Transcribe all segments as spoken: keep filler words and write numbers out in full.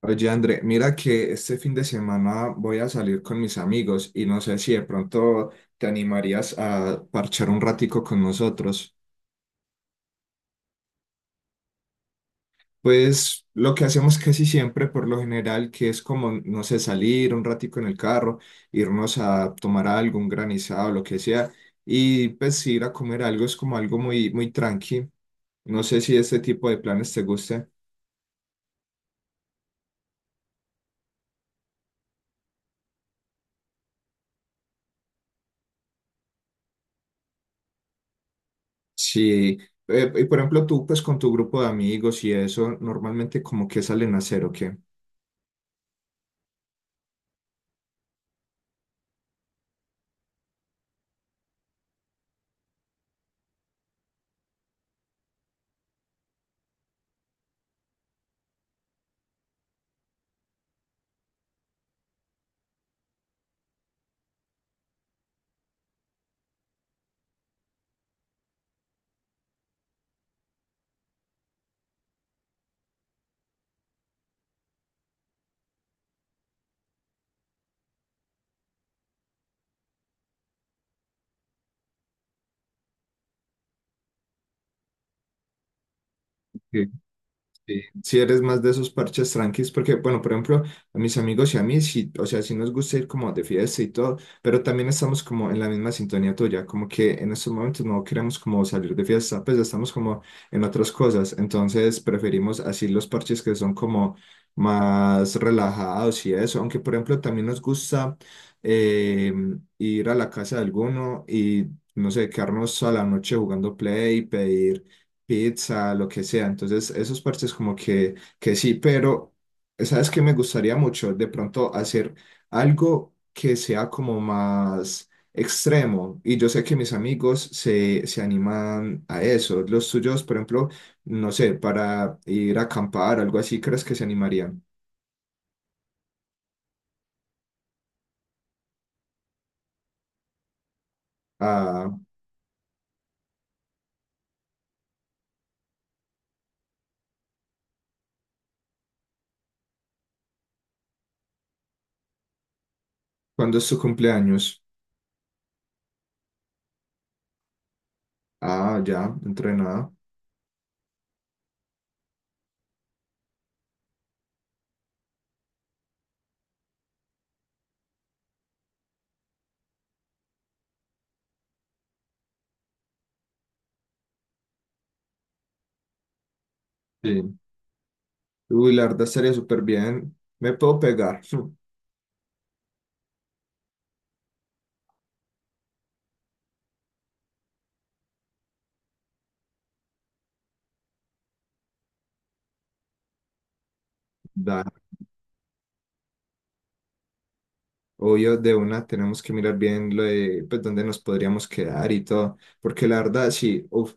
Oye, André, mira que este fin de semana voy a salir con mis amigos y no sé si de pronto te animarías a parchar un ratico con nosotros. Pues lo que hacemos casi siempre, por lo general, que es como, no sé, salir un ratico en el carro, irnos a tomar algo, un granizado, lo que sea, y pues ir a comer algo es como algo muy, muy tranqui. No sé si este tipo de planes te guste. Sí. Eh, y por ejemplo, tú pues con tu grupo de amigos y eso, normalmente como que salen a hacer o qué. Sí, sí. Si eres más de esos parches tranquis, porque, bueno, por ejemplo, a mis amigos y a mí, sí, o sea, sí nos gusta ir como de fiesta y todo, pero también estamos como en la misma sintonía tuya, como que en estos momentos no queremos como salir de fiesta, pues ya estamos como en otras cosas, entonces preferimos así los parches que son como más relajados y eso, aunque, por ejemplo, también nos gusta eh, ir a la casa de alguno y, no sé, quedarnos a la noche jugando play, pedir pizza, lo que sea. Entonces, esos parches como que, que sí, pero ¿sabes qué me gustaría mucho? De pronto hacer algo que sea como más extremo. Y yo sé que mis amigos se, se animan a eso. Los tuyos, por ejemplo, no sé, para ir a acampar, algo así, ¿crees que se animarían? Ah, ¿cuándo es su cumpleaños? Ah, ya, entrenada. Sí. Uy, la verdad estaría súper bien. Me puedo pegar. Dale. Obvio, de una tenemos que mirar bien lo de, pues, dónde nos podríamos quedar y todo, porque la verdad, sí, uf,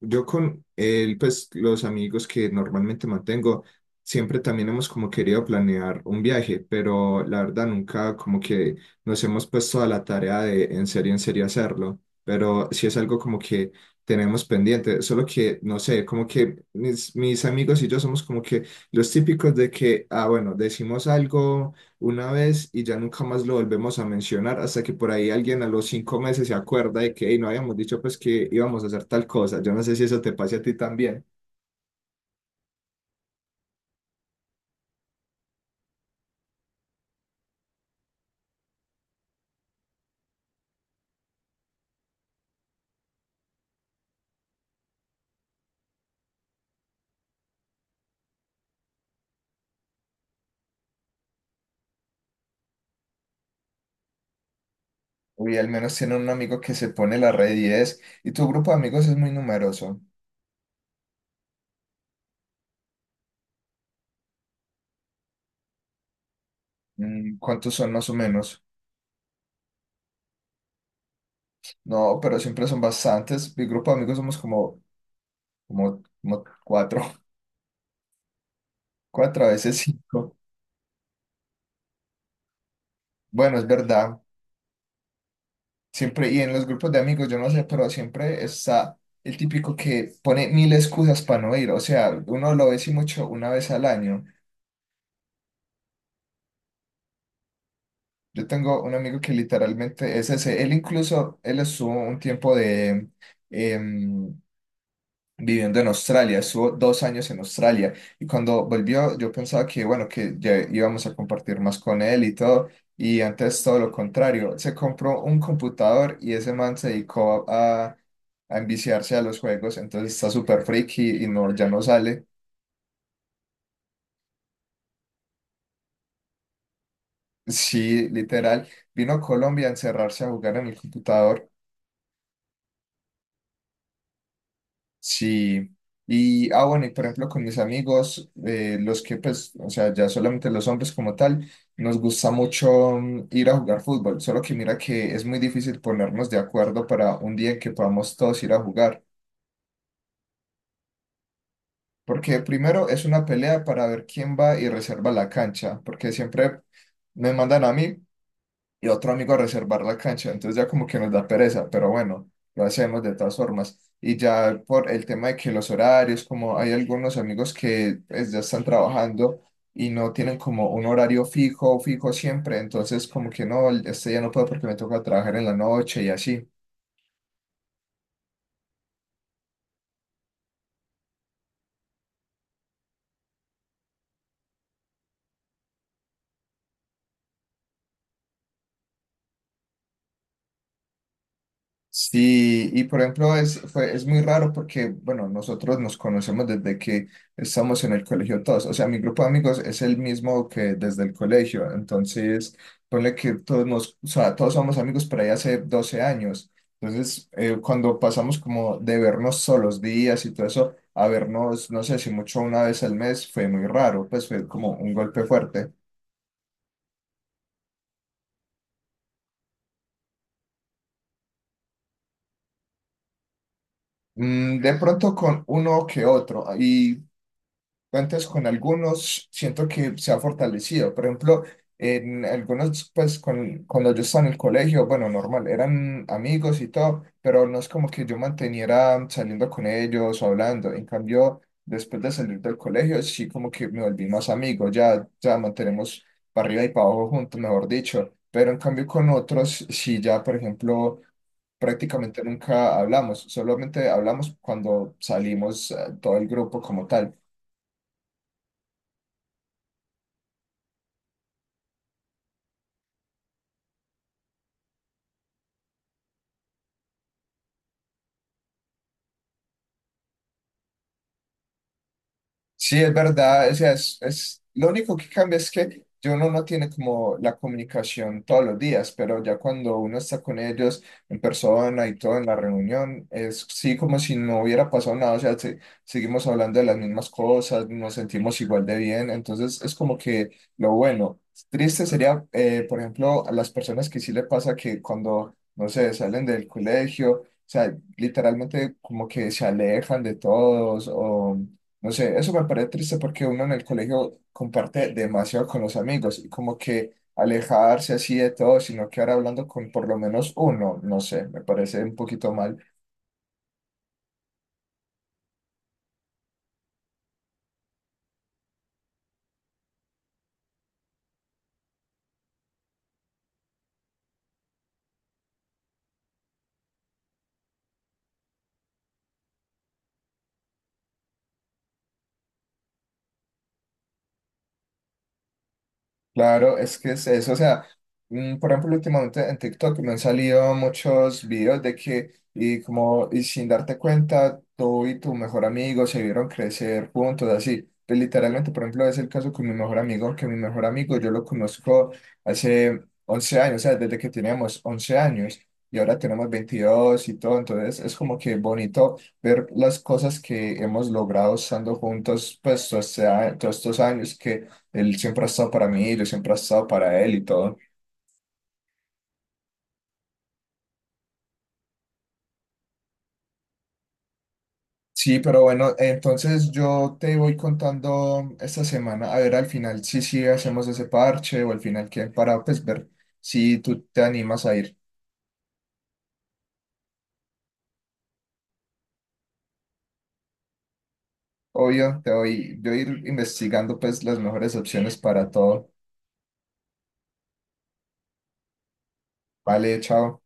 yo con él, pues los amigos que normalmente mantengo, siempre también hemos como querido planear un viaje, pero la verdad nunca como que nos hemos puesto a la tarea de en serio, en serio hacerlo, pero sí es algo como que tenemos pendiente, solo que, no sé, como que mis, mis amigos y yo somos como que los típicos de que, ah, bueno, decimos algo una vez y ya nunca más lo volvemos a mencionar hasta que por ahí alguien a los cinco meses se acuerda de que "Ey, no habíamos dicho pues que íbamos a hacer tal cosa. Yo no sé si eso te pase a ti también. Uy, al menos tiene un amigo que se pone la red diez y tu grupo de amigos es muy numeroso. Mm, ¿Cuántos son más o menos? No, pero siempre son bastantes. Mi grupo de amigos somos como, como, como cuatro, cuatro a veces cinco. Bueno, es verdad. Siempre, y en los grupos de amigos, yo no sé, pero siempre está el típico que pone mil excusas para no ir. O sea, uno lo ve sí mucho una vez al año. Yo tengo un amigo que literalmente es ese. Él incluso, él estuvo un tiempo de, em, viviendo en Australia, estuvo dos años en Australia y cuando volvió yo pensaba que bueno, que ya íbamos a compartir más con él y todo y antes todo lo contrario, se compró un computador y ese man se dedicó a, a enviciarse a los juegos, entonces está súper friki y no, ya no sale. Sí, literal, vino a Colombia a encerrarse a jugar en el computador. Sí, y ah bueno, y por ejemplo con mis amigos, eh, los que pues, o sea, ya solamente los hombres como tal, nos gusta mucho mm, ir a jugar fútbol, solo que mira que es muy difícil ponernos de acuerdo para un día en que podamos todos ir a jugar, porque primero es una pelea para ver quién va y reserva la cancha, porque siempre me mandan a mí y otro amigo a reservar la cancha, entonces ya como que nos da pereza, pero bueno, lo hacemos de todas formas. Y ya por el tema de que los horarios, como hay algunos amigos que pues, ya están trabajando y no tienen como un horario fijo, fijo siempre, entonces como que no, este ya no puedo porque me toca trabajar en la noche y así. Sí, y por ejemplo es, fue, es muy raro porque, bueno, nosotros nos conocemos desde que estamos en el colegio todos, o sea, mi grupo de amigos es el mismo que desde el colegio, entonces ponle que todos nos, o sea, todos somos amigos por ahí hace doce años, entonces eh, cuando pasamos como de vernos todos los días y todo eso a vernos, no sé si mucho una vez al mes, fue muy raro, pues fue como un golpe fuerte. Mm, De pronto con uno que otro. Y antes con algunos siento que se ha fortalecido. Por ejemplo, en algunos, pues con, cuando yo estaba en el colegio, bueno, normal, eran amigos y todo, pero no es como que yo manteniera saliendo con ellos o hablando. En cambio, después de salir del colegio, sí como que me volví más amigo, ya, ya mantenemos para arriba y para abajo juntos, mejor dicho. Pero en cambio con otros, sí ya, por ejemplo... Prácticamente nunca hablamos, solamente hablamos cuando salimos eh, todo el grupo como tal. Sí, es verdad, o sea, es, es- lo único que cambia es que yo uno no tiene como la comunicación todos los días, pero ya cuando uno está con ellos en persona y todo en la reunión, es sí como si no hubiera pasado nada, o sea, se- seguimos hablando de las mismas cosas, nos sentimos igual de bien, entonces es como que lo bueno. Triste sería, eh, por ejemplo, a las personas que sí le pasa que cuando, no sé, salen del colegio, o sea, literalmente como que se alejan de todos o... No sé, eso me parece triste porque uno en el colegio comparte demasiado con los amigos y como que alejarse así de todo, sino que ahora hablando con por lo menos uno, no sé, me parece un poquito mal. Claro, es que es eso, o sea, mm, por ejemplo, últimamente en TikTok me han salido muchos videos de que, y como, y sin darte cuenta, tú y tu mejor amigo se vieron crecer juntos, así. Pues, literalmente, por ejemplo, es el caso con mi mejor amigo, que mi mejor amigo yo lo conozco hace once años, o sea, desde que teníamos once años y ahora tenemos veintidós y todo, entonces es como que bonito ver las cosas que hemos logrado estando juntos, pues, o sea, todos estos años que él siempre ha estado para mí, yo siempre he estado para él y todo. Sí, pero bueno, entonces yo te voy contando esta semana, a ver al final si sí hacemos ese parche o al final qué, para pues ver si tú te animas a ir. Obvio, te voy, yo voy a ir investigando pues las mejores opciones para todo. Vale, chao.